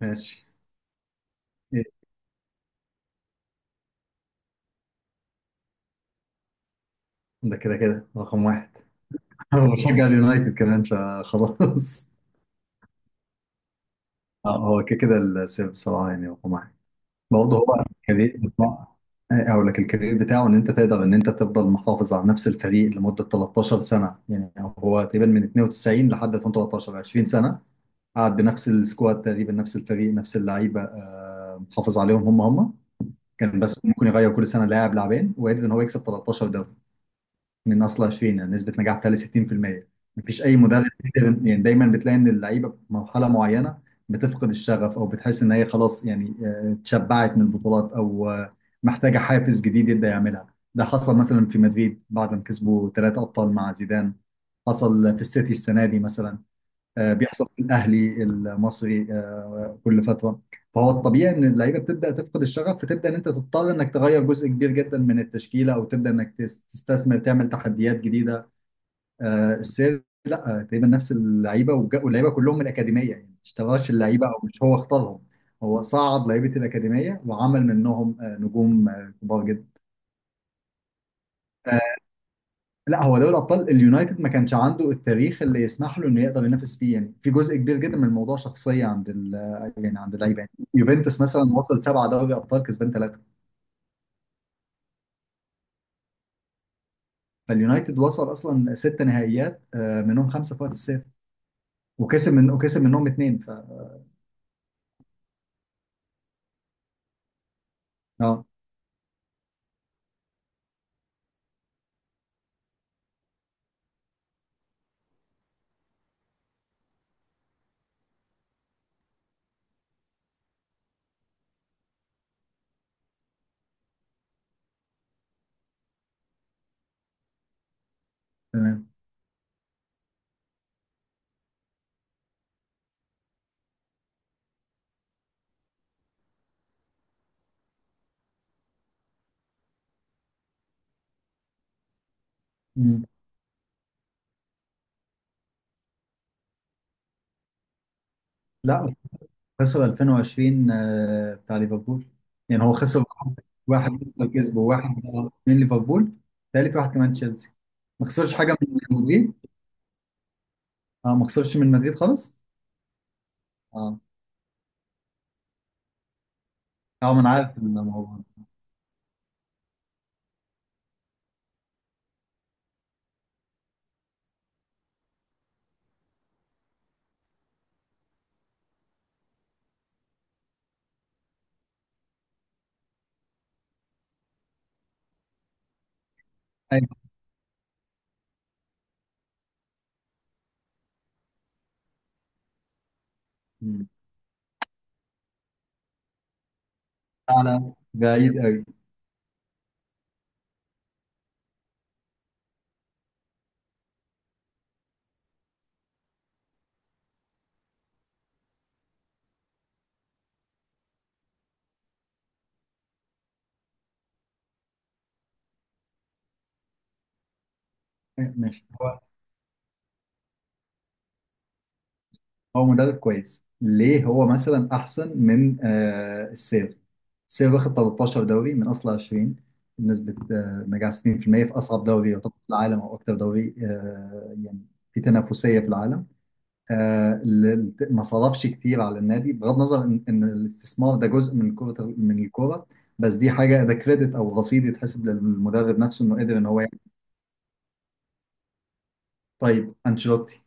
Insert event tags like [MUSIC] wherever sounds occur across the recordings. ماشي. إيه، ده كده كده رقم واحد. [LAUGHS] انا بشجع اليونايتد كمان فخلاص. هو كده كده السير بصراحه يعني رقم واحد. برضه هو الكارير بتاع. اقول لك الكارير بتاعه ان انت تقدر ان انت تفضل محافظ على نفس الفريق لمده 13 سنه، يعني هو تقريبا من 92 لحد 2013، 20 سنه. قعد بنفس السكواد، تقريبا نفس الفريق نفس اللعيبه، محافظ عليهم هم. كان بس ممكن يغير كل سنه لاعب لاعبين، وقدر ان هو يكسب 13 دوري من اصل 20، نسبه نجاح بتاعي 60%. مفيش اي مدرب يعني دايما بتلاقي ان اللعيبه في مرحله معينه بتفقد الشغف، او بتحس ان هي خلاص، يعني اتشبعت من البطولات، او محتاجه حافز جديد يبدا يعملها. ده حصل مثلا في مدريد بعد ما كسبوا ثلاثه ابطال مع زيدان، حصل في السيتي السنه دي مثلا، بيحصل في الاهلي المصري كل فتره. فهو الطبيعي ان اللعيبه بتبدا تفقد الشغف، فتبدا ان انت تضطر انك تغير جزء كبير جدا من التشكيله، او تبدا انك تستثمر، تعمل تحديات جديده. السير تقريبا نفس اللعيبه واللعيبه كلهم من الاكاديميه، يعني ما اشتراش اللعيبه او مش هو اختارهم. هو صعد لعيبه الاكاديميه وعمل منهم نجوم كبار جدا. لا، هو دوري الابطال اليونايتد ما كانش عنده التاريخ اللي يسمح له انه يقدر ينافس فيه، يعني في جزء كبير جدا من الموضوع شخصيه عند ال، يعني عند اللعيبه. يعني يوفنتوس مثلا وصل سبعه دوري ابطال كسبان ثلاثه، فاليونايتد وصل اصلا ست نهائيات منهم خمسه في وقت الصيف، وكسب منهم اثنين ف. اه، تمام. مم. لا، خسر 2020 بتاع ليفربول. يعني هو خسر واحد، واحد ليستر كسبه، وواحد من ليفربول، ثالث واحد كمان تشيلسي. ما خسرش حاجه من مدريد. اه، ما خسرش من مدريد خالص. اه. اه ما انا عارف الموضوع ده. ايوه. مم. اعلى بعيد قوي. ماشي هو. هو مدرب كويس. ليه هو مثلا احسن من السير؟ السير واخد 13 دوري من اصل 20، بنسبة نجاح 60% في المية، في اصعب دوري يعتبر في العالم، او اكتر دوري يعني في تنافسية في العالم. ما صرفش كتير على النادي، بغض النظر ان إن الاستثمار ده جزء من كرة من الكورة، بس دي حاجة. ده كريدت او رصيد يتحسب للمدرب نفسه انه قدر ان هو. طيب انشيلوتي.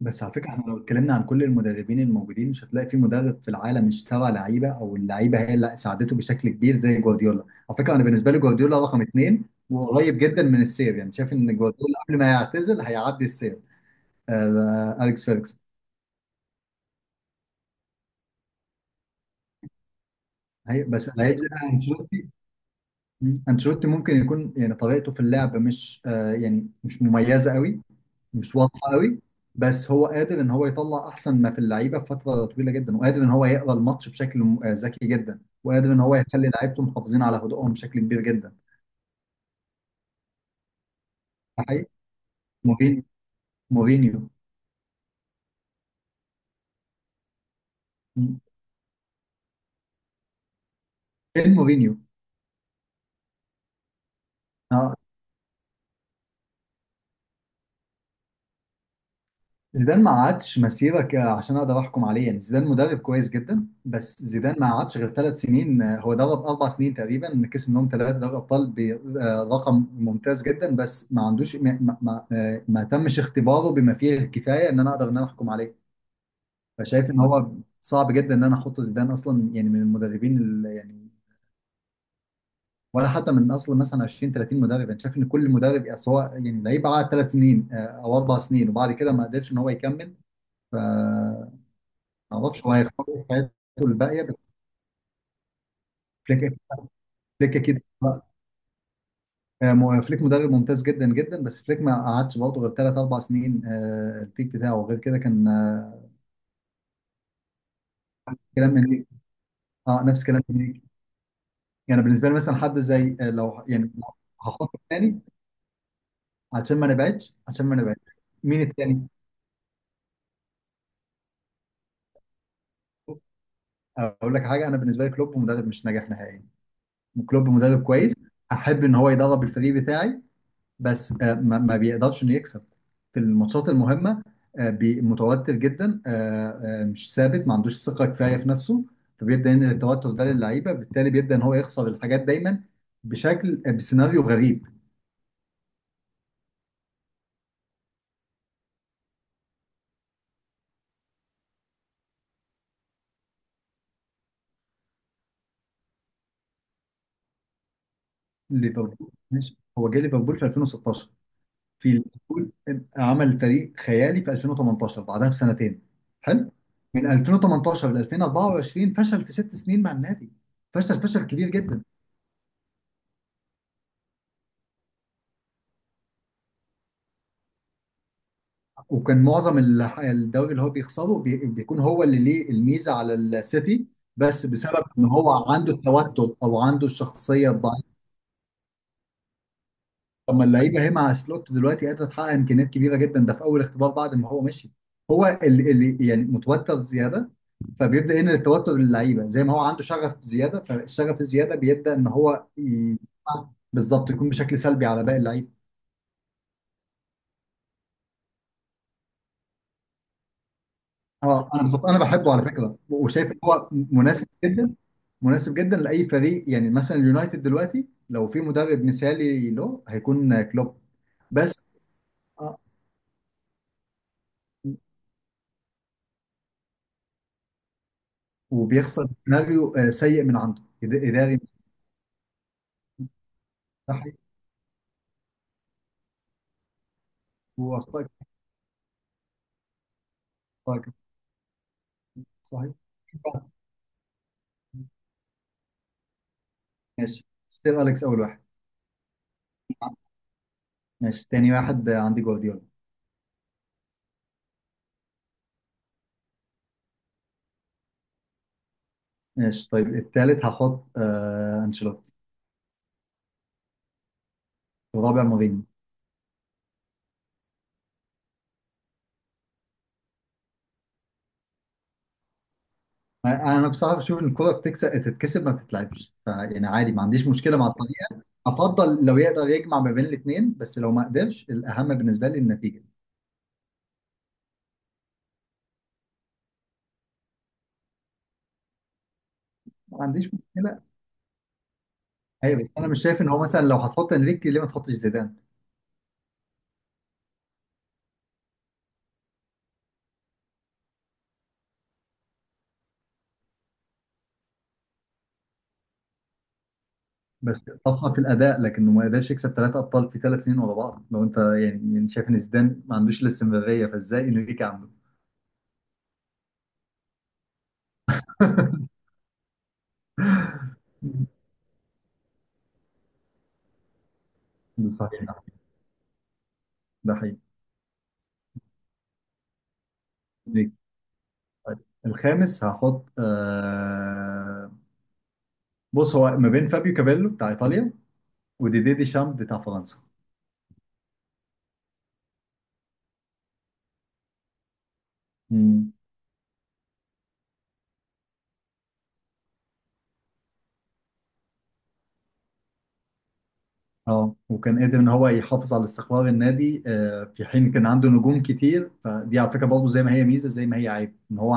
بس على فكره احنا لو اتكلمنا عن كل المدربين الموجودين، مش هتلاقي في مدرب في العالم اشترى لعيبه او اللعيبه هي اللي ساعدته بشكل كبير زي جوارديولا. على فكره انا بالنسبه لي جوارديولا رقم اثنين، وقريب جدا من السير، يعني شايف ان جوارديولا قبل ما يعتزل هيعدي السير اليكس فيركس. هي بس هيبقى انشيلوتي. انشيلوتي ممكن يكون، يعني طريقته في اللعب مش يعني مش مميزه قوي، مش واضحه قوي. بس هو قادر ان هو يطلع احسن ما في اللعيبه في فتره طويله جدا، وقادر ان هو يقرا الماتش بشكل ذكي جدا، وقادر ان هو يخلي لعيبته محافظين على هدوءهم بشكل كبير جدا. ده حقيقي. مورينيو. مورينيو. مم. فين مورينيو؟ اه، زيدان ما عادش مسيرة عشان اقدر احكم عليه. يعني زيدان مدرب كويس جدا، بس زيدان ما عادش غير ثلاث سنين، هو درب اربع سنين تقريبا كسب منهم ثلاثة دوري ابطال برقم ممتاز جدا، بس ما عندوش ما تمش اختباره بما فيه الكفاية ان انا اقدر ان انا احكم عليه. فشايف ان هو صعب جدا ان انا احط زيدان اصلا، يعني من المدربين يعني ولا حتى من اصل مثلا 20 30 مدرب. انا شايف ان كل مدرب أصل هو يعني لعيب، قعد ثلاث سنين او اربع سنين، وبعد كده ما قدرش ان هو يكمل. ما اعرفش هو هيختار في حياته الباقيه بس. فليك. فليك اكيد، فليك مدرب ممتاز جدا جدا، بس فليك ما قعدش برضه غير ثلاث اربع سنين، البيك بتاعه غير كده كان كلام انريكي. اه، نفس كلام انريكي. يعني بالنسبه لي مثلا حد زي لو يعني هخاطب تاني عشان ما نبعدش. مين التاني؟ اقول لك حاجه، انا بالنسبه لي كلوب مدرب مش ناجح نهائيا. كلوب مدرب كويس، احب ان هو يدرب الفريق بتاعي، بس ما بيقدرش انه يكسب في الماتشات المهمه. متوتر جدا، مش ثابت، ما عندوش ثقه كفايه في نفسه. فبيبدا ينقل التوتر ده للعيبه، بالتالي بيبدا ان هو يخسر الحاجات دايما بشكل بسيناريو غريب. ليفربول ماشي، هو جه ليفربول في 2016، في ليفربول عمل فريق خيالي في 2018، بعدها بسنتين حلو. من 2018 ل 2024 فشل في ست سنين مع النادي، فشل فشل كبير جدا. وكان معظم الدوري اللي هو بيخسره بيكون هو اللي ليه الميزه على السيتي، بس بسبب ان هو عنده التوتر او عنده الشخصيه الضعيفه. طب ما اللعيبه هي مع سلوت دلوقتي قادره تحقق امكانيات كبيره جدا، ده في اول اختبار بعد ما هو مشي. هو اللي يعني متوتر زياده، فبيبدا هنا التوتر للعيبه. زي ما هو عنده شغف زياده، فالشغف الزياده بيبدا ان بالظبط يكون بشكل سلبي على باقي اللعيبه. اه انا بالظبط، انا بحبه على فكره، وشايف ان هو مناسب جدا. مناسب جدا لاي فريق، يعني مثلا اليونايتد دلوقتي لو في مدرب مثالي له هيكون كلوب بس. آه، وبيخسر سيناريو سيء من عنده اداري مش صحي، واخطاء كتير. صحيح. ماشي، ستيل اليكس اول واحد. ماشي، تاني واحد عندي جوارديولا. ماشي، طيب التالت هحط آه انشيلوتي. الرابع مورينيو. انا بصراحه بشوف ان الكوره تتكسب ما بتتلعبش، فيعني عادي ما عنديش مشكله مع الطريقه، افضل لو يقدر يجمع ما بين الاثنين، بس لو ما قدرش الاهم بالنسبه لي النتيجه. ما عنديش مشكله. ايوه بس انا مش شايف ان هو مثلا لو هتحط انريكي ليه ما تحطش زيدان. بس طفره في الاداء، لكنه ما قدرش يكسب ثلاثه ابطال في ثلاث سنين ورا بعض. لو انت يعني شايف ان زيدان ما عندوش الاستمراريه، فازاي انريكي عنده؟ بالظبط. ده حقيقي. إنريكي. طيب، الخامس هحط آه. بص هو ما بين فابيو كابيلو بتاع ايطاليا، وديدي ديشامب بتاع فرنسا. مم. اه، وكان قادر ان هو يحافظ على استقرار النادي في حين كان عنده نجوم كتير. فدي على فكره برضه زي ما هي ميزه زي ما هي عيب، ان هو